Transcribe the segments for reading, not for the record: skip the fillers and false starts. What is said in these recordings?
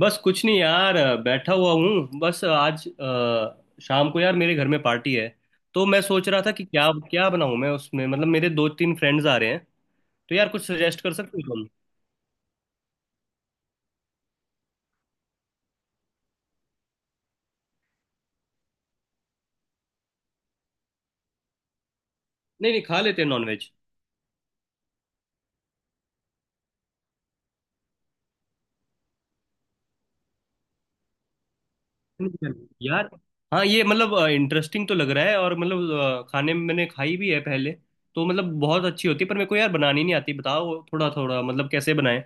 बस कुछ नहीं यार, बैठा हुआ हूँ। बस आज शाम को यार मेरे घर में पार्टी है। तो मैं सोच रहा था कि क्या क्या बनाऊँ मैं उसमें, मतलब मेरे दो तीन फ्रेंड्स आ रहे हैं। तो यार कुछ सजेस्ट कर सकते हो तुम? नहीं नहीं, खा लेते हैं नॉनवेज। यार, हाँ, ये मतलब इंटरेस्टिंग तो लग रहा है। और मतलब खाने में मैंने खाई भी है पहले, तो मतलब बहुत अच्छी होती है, पर मेरे को यार बनानी नहीं आती। बताओ थोड़ा थोड़ा मतलब कैसे बनाएं।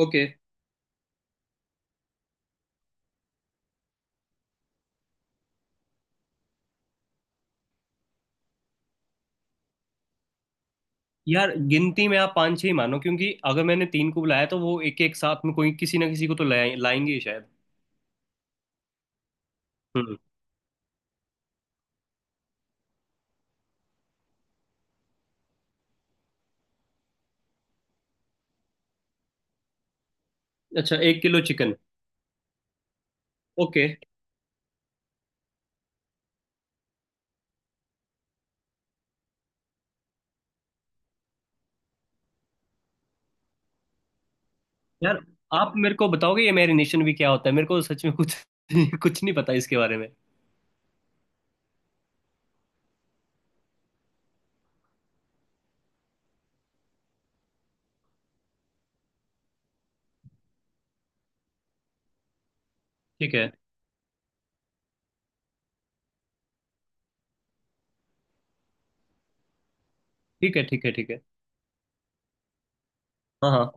ओके। यार गिनती में आप पाँच छह ही मानो, क्योंकि अगर मैंने तीन को बुलाया तो वो एक एक साथ में कोई किसी ना किसी को तो लाएंगे ही शायद। हम्म। अच्छा, एक किलो चिकन। ओके। यार, आप मेरे को बताओगे ये मैरिनेशन भी क्या होता है? मेरे को सच में कुछ कुछ नहीं पता इसके बारे में। ठीक है, ठीक है, ठीक है। ठीक है। हाँ, हाँ।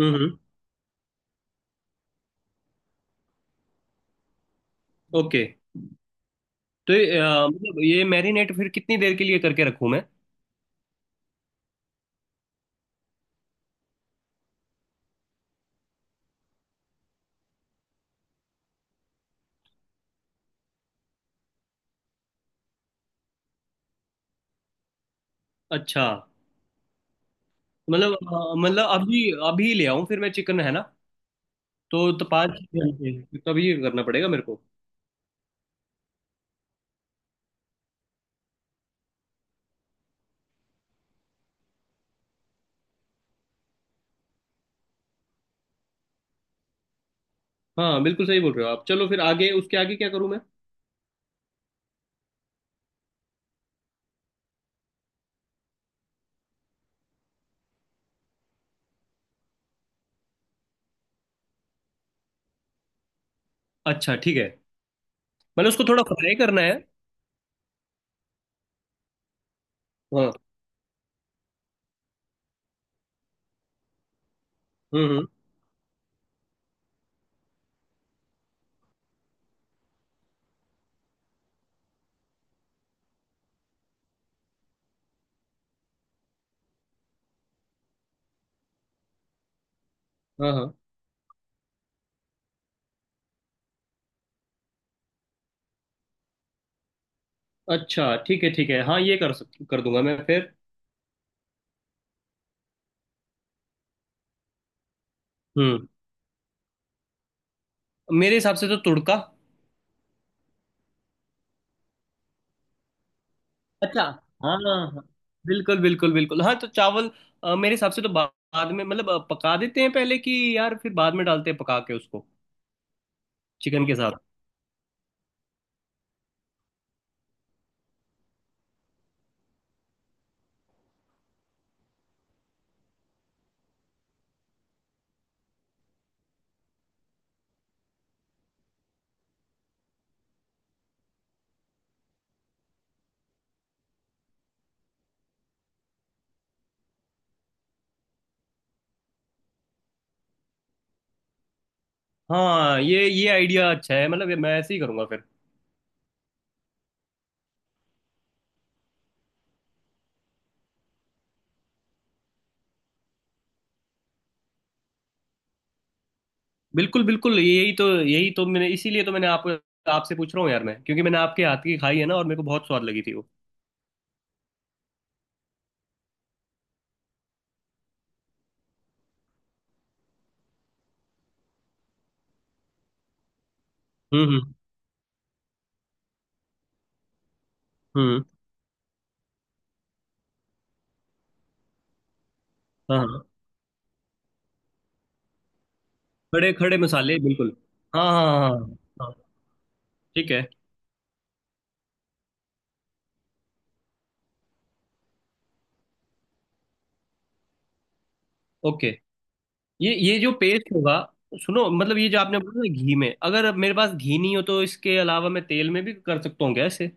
हम्म, हम्म। ओके। तो मतलब ये मैरिनेट फिर कितनी देर के लिए करके रखूँ मैं? अच्छा। मतलब अभी अभी ले आऊँ फिर मैं चिकन, है ना? तो पाँच घंटे तभी ये करना पड़ेगा मेरे को। हाँ बिल्कुल सही बोल रहे हो आप। चलो फिर आगे उसके आगे क्या करूँ मैं? अच्छा ठीक है। मैंने उसको थोड़ा फ्राई करना है? हाँ। हम्म, हाँ, हाँ। अच्छा ठीक है, ठीक है। हाँ ये कर दूंगा मैं फिर। हम्म। मेरे हिसाब से तो तुड़का। अच्छा। हाँ, हाँ, हाँ। बिल्कुल बिल्कुल बिल्कुल, हाँ, तो चावल मेरे हिसाब से तो बाद में, मतलब पका देते हैं पहले कि, यार फिर बाद में डालते हैं पका के उसको। चिकन के साथ। हाँ, ये आइडिया अच्छा है, मतलब ये मैं ऐसे ही करूंगा फिर। बिल्कुल बिल्कुल, यही तो मैंने इसीलिए तो मैंने आपको आपसे पूछ रहा हूँ यार मैं, क्योंकि मैंने आपके हाथ की खाई है ना, और मेरे को बहुत स्वाद लगी थी वो। हम्म, हम्म। हम्म। हाँ, हाँ। खड़े खड़े मसाले, बिल्कुल। हाँ, हाँ, हाँ, हाँ। हाँ। ठीक है। ओके। ये जो पेस्ट होगा, सुनो, मतलब ये जो आपने बोला ना, घी में, अगर मेरे पास घी नहीं हो तो इसके अलावा मैं तेल में भी कर सकता हूँ क्या ऐसे?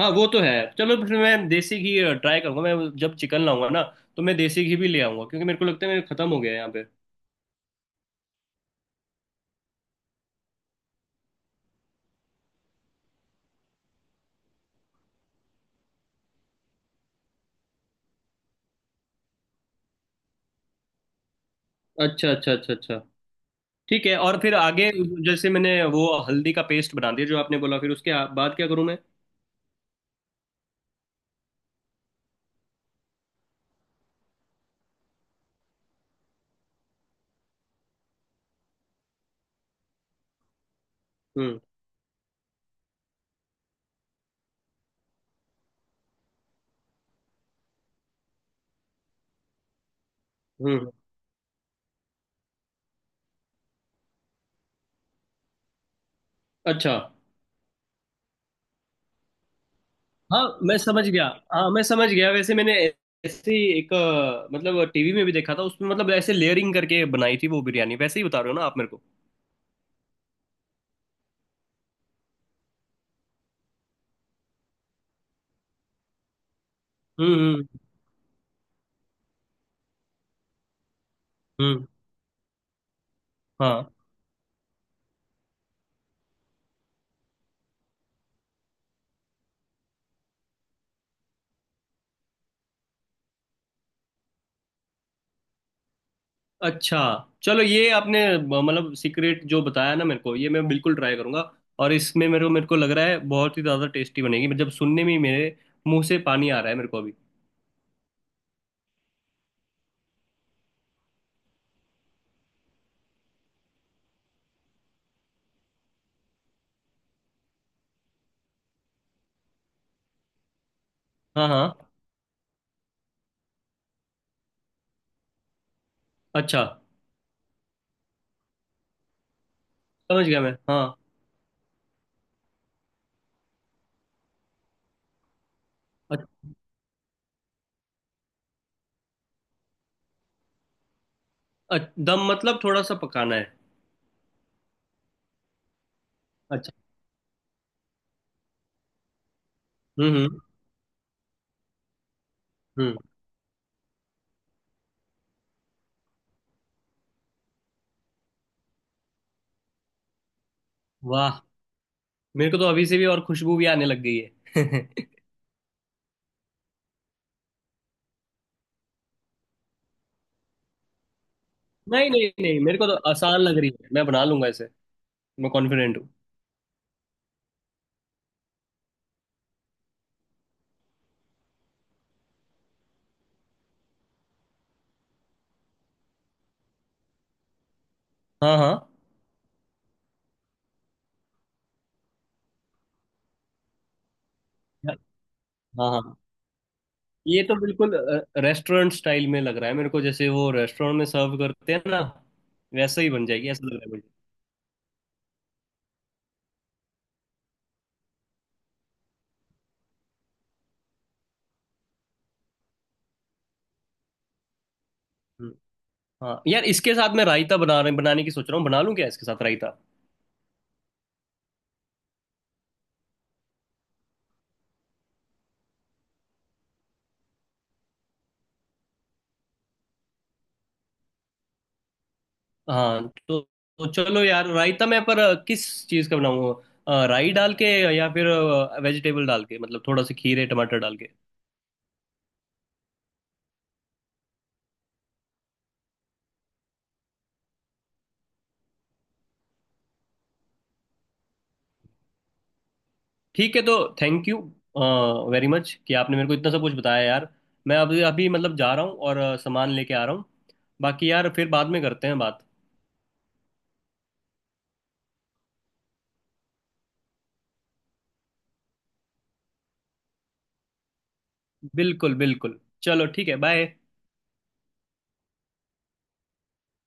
हाँ वो तो है। चलो फिर मैं देसी घी ट्राई करूंगा। मैं जब चिकन लाऊंगा ना, तो मैं देसी घी भी ले आऊंगा, क्योंकि मेरे को लगता है मेरे खत्म हो गया है यहाँ पे। अच्छा, अच्छा, अच्छा, अच्छा। ठीक है, और फिर आगे? जैसे मैंने वो हल्दी का पेस्ट बना दिया जो आपने बोला, फिर उसके बाद क्या करूं मैं? हम्म, हम्म। अच्छा। हाँ, मैं समझ गया। हाँ, मैं समझ गया, वैसे मैंने ऐसे ही एक मतलब टीवी में भी देखा था, उसमें मतलब ऐसे लेयरिंग करके बनाई थी वो बिरयानी। वैसे ही बता रहे हो ना आप मेरे को? हम्म, हम्म। हम्म, हाँ। अच्छा। चलो ये आपने मतलब सीक्रेट जो बताया ना मेरे को, ये मैं बिल्कुल ट्राई करूंगा। और इसमें मेरे को लग रहा है बहुत ही ज़्यादा टेस्टी बनेगी। जब सुनने में ही मेरे मुंह से पानी आ रहा है मेरे को अभी। हाँ, हाँ। अच्छा। समझ गया मैं, हाँ। अ- अ- दम मतलब थोड़ा सा पकाना है? अच्छा। हम्म, हम्म। हम्म। वाह। मेरे को तो अभी से भी और खुशबू भी आने लग गई है नहीं नहीं नहीं, मेरे को तो आसान लग रही है, मैं बना लूंगा इसे। मैं कॉन्फिडेंट हूँ। हाँ, हाँ। हाँ, हाँ। ये तो बिल्कुल रेस्टोरेंट स्टाइल में लग रहा है मेरे को, जैसे वो रेस्टोरेंट में सर्व करते हैं ना, वैसा ही बन जाएगी ऐसा लग रहा है मुझे। हम्म। हाँ यार, इसके साथ मैं रायता बनाने की सोच रहा हूँ। बना लूँ क्या इसके साथ रायता? हाँ, तो चलो यार रायता, मैं पर किस चीज़ का बनाऊँ? राई डाल के, या फिर वेजिटेबल डाल के, मतलब थोड़ा सा खीरे टमाटर डाल के। ठीक है। तो थैंक यू वेरी मच कि आपने मेरे को इतना सब कुछ बताया यार। मैं अभी अभी मतलब जा रहा हूँ और सामान लेके आ रहा हूँ। बाकी यार फिर बाद में करते हैं बात। बिल्कुल बिल्कुल, चलो ठीक है, बाय।